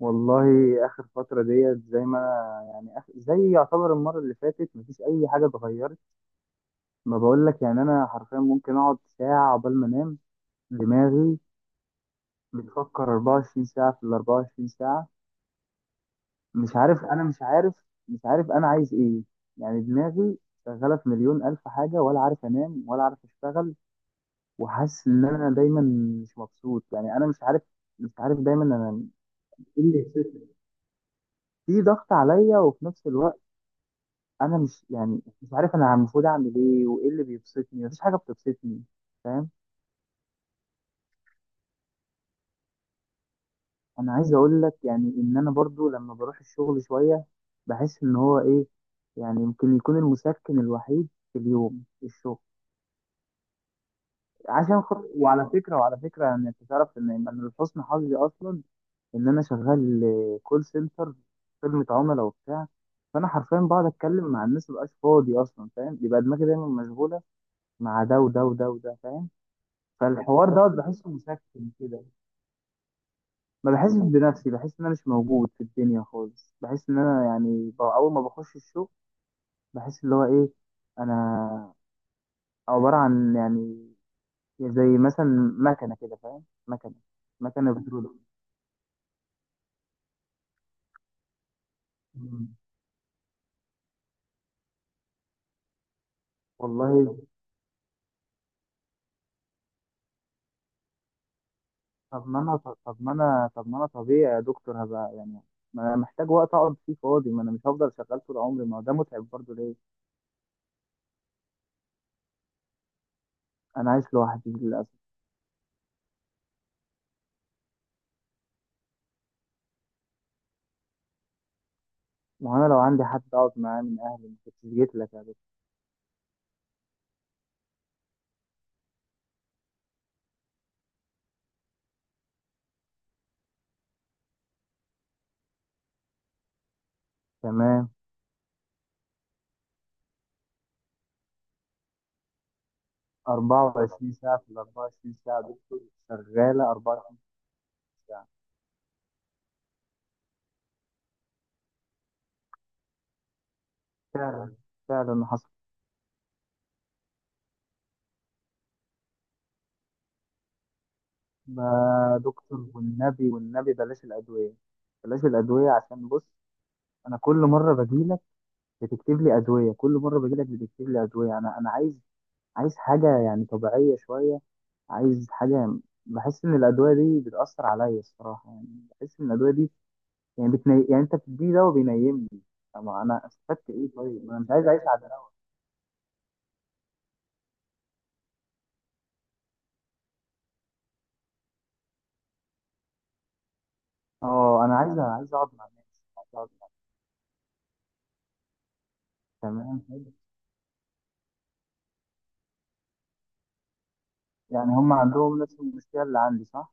والله، اخر فتره ديت زي ما انا يعني زي يعتبر المره اللي فاتت مفيش اي حاجه اتغيرت. ما بقول لك يعني انا حرفيا ممكن اقعد ساعه قبل ما انام. دماغي بتفكر 24 ساعه في ال 24 ساعه. مش عارف، انا مش عارف انا عايز ايه. يعني دماغي شغاله في مليون الف حاجه، ولا عارف انام ولا عارف اشتغل. وحاسس ان انا دايما مش مبسوط. يعني انا مش عارف، مش عارف دايما انا ايه اللي، في ضغط عليا وفي نفس الوقت انا مش يعني مش عارف انا المفروض اعمل ايه، وايه اللي بيبسطني؟ مفيش حاجه بتبسطني، فاهم؟ انا عايز اقول لك يعني ان انا برضو لما بروح الشغل شويه بحس ان هو ايه، يعني يمكن يكون المسكن الوحيد في اليوم الشغل، عشان خاطر، وعلى فكره وعلى فكره يعني انت تعرف ان انا لحسن حظي اصلا ان انا شغال كول سنتر، خدمه عملاء وبتاع. فانا حرفيا بقعد اتكلم مع الناس، مبقاش فاضي اصلا، فاهم؟ يبقى دماغي دايما مشغوله مع ده وده وده وده، فاهم؟ فالحوار دوت بحسه مسكن كده. ما بحسش بنفسي، بحس ان انا مش موجود في الدنيا خالص. بحس ان انا يعني اول ما بخش الشغل بحس اللي هو ايه، انا عبارة عن يعني زي مثلا مكنة كده، فاهم؟ مكنة، مكنة بترول. مم. والله، طب ما انا طب ما انا طبيعي يا دكتور، هبقى يعني ما انا محتاج وقت اقعد فيه فاضي. ما انا مش هفضل شغال طول عمري، ما هو ده متعب برضه، ليه؟ انا عايش لوحدي للاسف. ما هو انا لو عندي حد اقعد معاه من اهلي ما كنتش جيت لك يا دكتور. تمام. 24 ساعة في ال 24 ساعة دكتور. شغالة 24 ساعة فعلا. فعلا حصل. ما دكتور، والنبي والنبي بلاش الأدوية، بلاش الأدوية. عشان بص، أنا كل مرة بجيلك بتكتب لي أدوية، كل مرة بجيلك بتكتب لي أدوية. أنا عايز حاجة يعني طبيعية شوية، عايز حاجة يعني، بحس إن الأدوية دي بتأثر عليا الصراحة. يعني بحس إن الأدوية دي يعني يعني أنت بتديني دواء بينيمني. طب أنا استفدت إيه؟ طيب ما أنا مش عايز أعيش على. اه، انا عايز، عايز اقعد مع ناس، عايز اقعد مع. تمام، حلو. يعني هم عندهم نفس المشكله اللي عندي، صح؟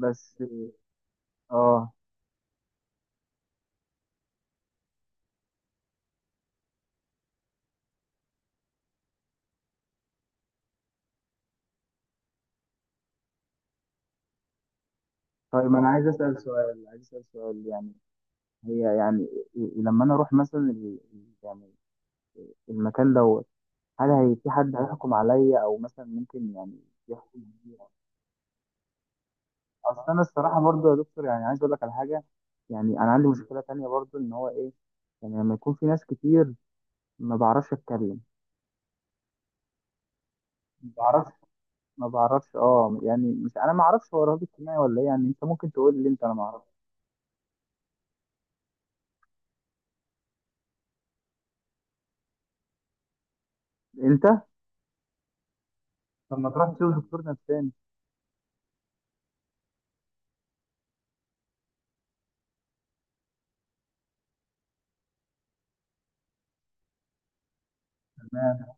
بس. اه، طيب. انا عايز اسال سؤال، عايز اسال سؤال يعني، هي يعني، لما انا اروح مثلا يعني المكان دوت، هل هي في حد هيحكم عليا او مثلا ممكن يعني يحكم عليا؟ اصل انا الصراحه برضو يا دكتور يعني عايز اقول لك على حاجه. يعني انا عندي مشكله تانية برضو ان هو ايه، يعني لما يكون في ناس كتير ما بعرفش اتكلم. ما بعرفش اه، يعني مش انا ما اعرفش هو رهاب اجتماعي ولا ايه، يعني انت ممكن تقول لي انت، انا ما اعرفش انت. طب ما تروح تشوف دكتور نفساني؟ تمام.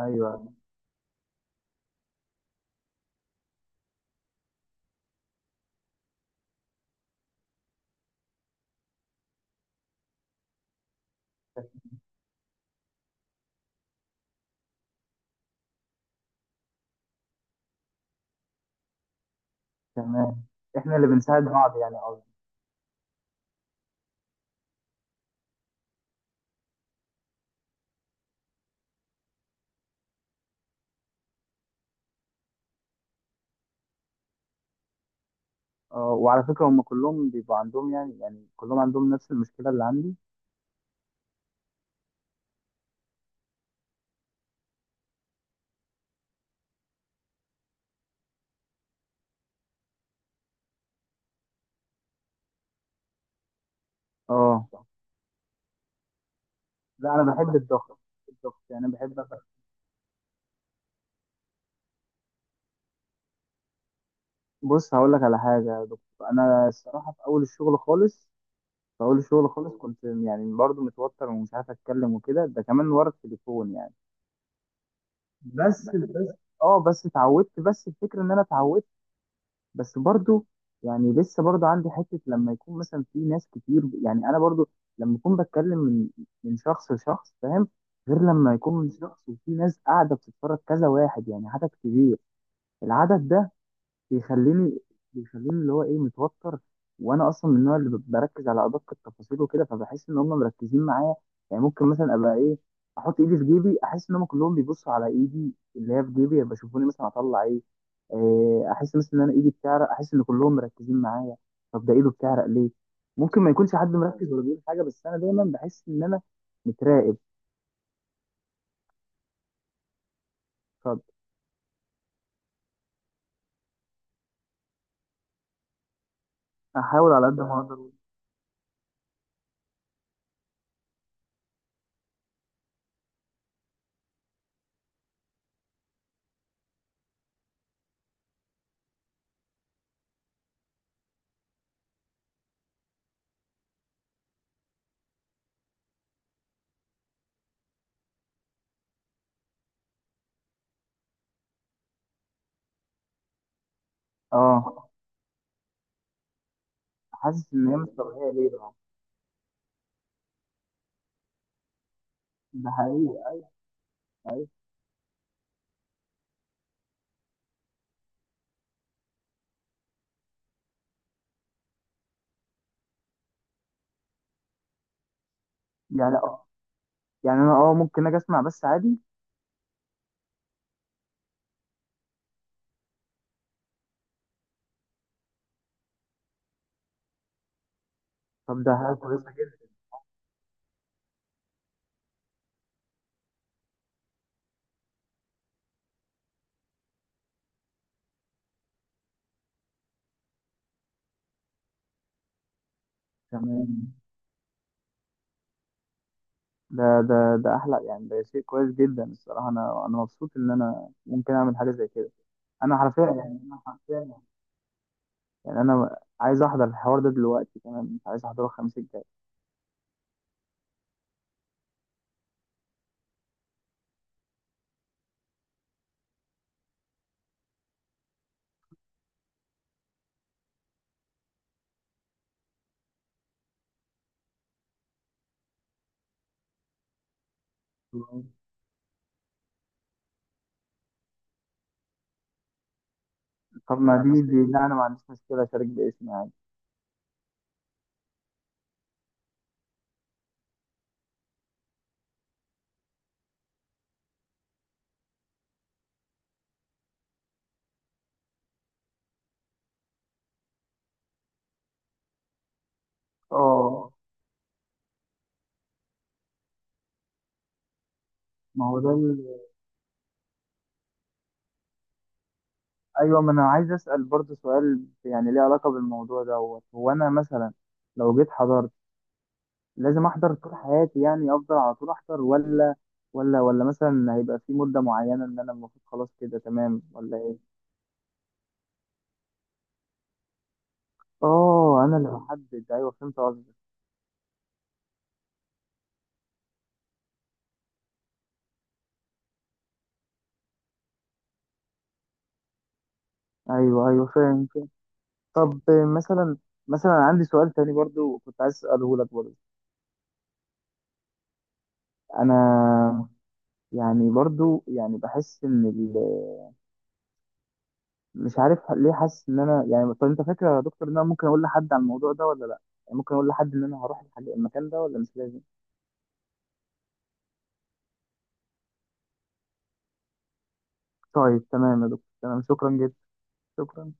ايوه، تمام. احنا اللي بنساعد بعض، يعني قصدي. اه، وعلى فكره هم كلهم بيبقوا عندهم يعني كلهم عندهم نفس المشكله اللي عندي. اه. لا، انا بحب الضغط. الضغط يعني بحب بص هقول لك على حاجه يا دكتور. انا الصراحه في اول الشغل خالص، في اول الشغل خالص، كنت يعني برضو متوتر ومش عارف اتكلم وكده، ده كمان ورا التليفون يعني. بس اه، بس اتعودت، بس الفكره ان انا اتعودت، بس برضو يعني لسه برضو عندي حته لما يكون مثلا في ناس كتير. يعني انا برضو لما اكون بتكلم من شخص لشخص، فاهم؟ غير لما يكون من شخص وفي ناس قاعده بتتفرج، كذا واحد، يعني عدد كبير. العدد ده بيخليني، بيخليني اللي هو ايه، متوتر. وانا اصلا من النوع اللي بركز على ادق التفاصيل وكده، فبحس ان هم مركزين معايا. يعني ممكن مثلا ابقى ايه، احط ايدي في جيبي، احس ان هم كلهم بيبصوا على ايدي اللي هي في جيبي، يبقى شوفوني مثلا اطلع ايه. احس مثلا ان انا ايدي بتعرق، احس ان كلهم مركزين معايا. طب ده ايده بتعرق ليه؟ ممكن ما يكونش حد مركز ولا بيقول حاجه، بس انا دايما بحس ان انا متراقب. فاحاول على قد ما اقدر. اه. حاسس ان هي مش طبيعيه، ليه بقى؟ ده حقيقي. يعني يعني انا اه ممكن اجي اسمع بس، عادي. طب ده حاجه كويسه جدا. تمام. ده، ده احلى يعني، ده شيء كويس جدا الصراحه. انا، انا مبسوط ان انا ممكن اعمل حاجه زي كده. انا حرفيا يعني انا حرفيا، يعني انا عايز احضر الحوار ده دلوقتي كمان، مش عايز احضره الخميس الجاي. طب ما دي لا، انا ما عنديش مشكله اشارك باسمي، عادي. اه. ما هو ده ال... ايوه ما انا عايز اسال برضه سؤال، يعني ليه علاقه بالموضوع دوت. هو انا مثلا لو جيت حضرت لازم احضر طول حياتي؟ يعني افضل على طول احضر، ولا مثلا هيبقى في مدة معينة ان انا المفروض خلاص كده تمام، ولا ايه؟ اه، انا اللي بحدد، ايوه فهمت قصدك. ايوه ايوه، فاهم فاهم. طب مثلا، مثلا عندي سؤال تاني برضو كنت عايز اساله لك برضو. انا يعني برضو يعني بحس ان ال-، مش عارف ليه حاسس ان انا يعني، طب انت فاكر يا دكتور ان انا ممكن اقول لحد عن الموضوع ده، ولا لا؟ يعني ممكن اقول لحد ان انا هروح المكان ده، ولا مش لازم؟ طيب تمام يا دكتور، تمام، شكرا جدا. شكرا.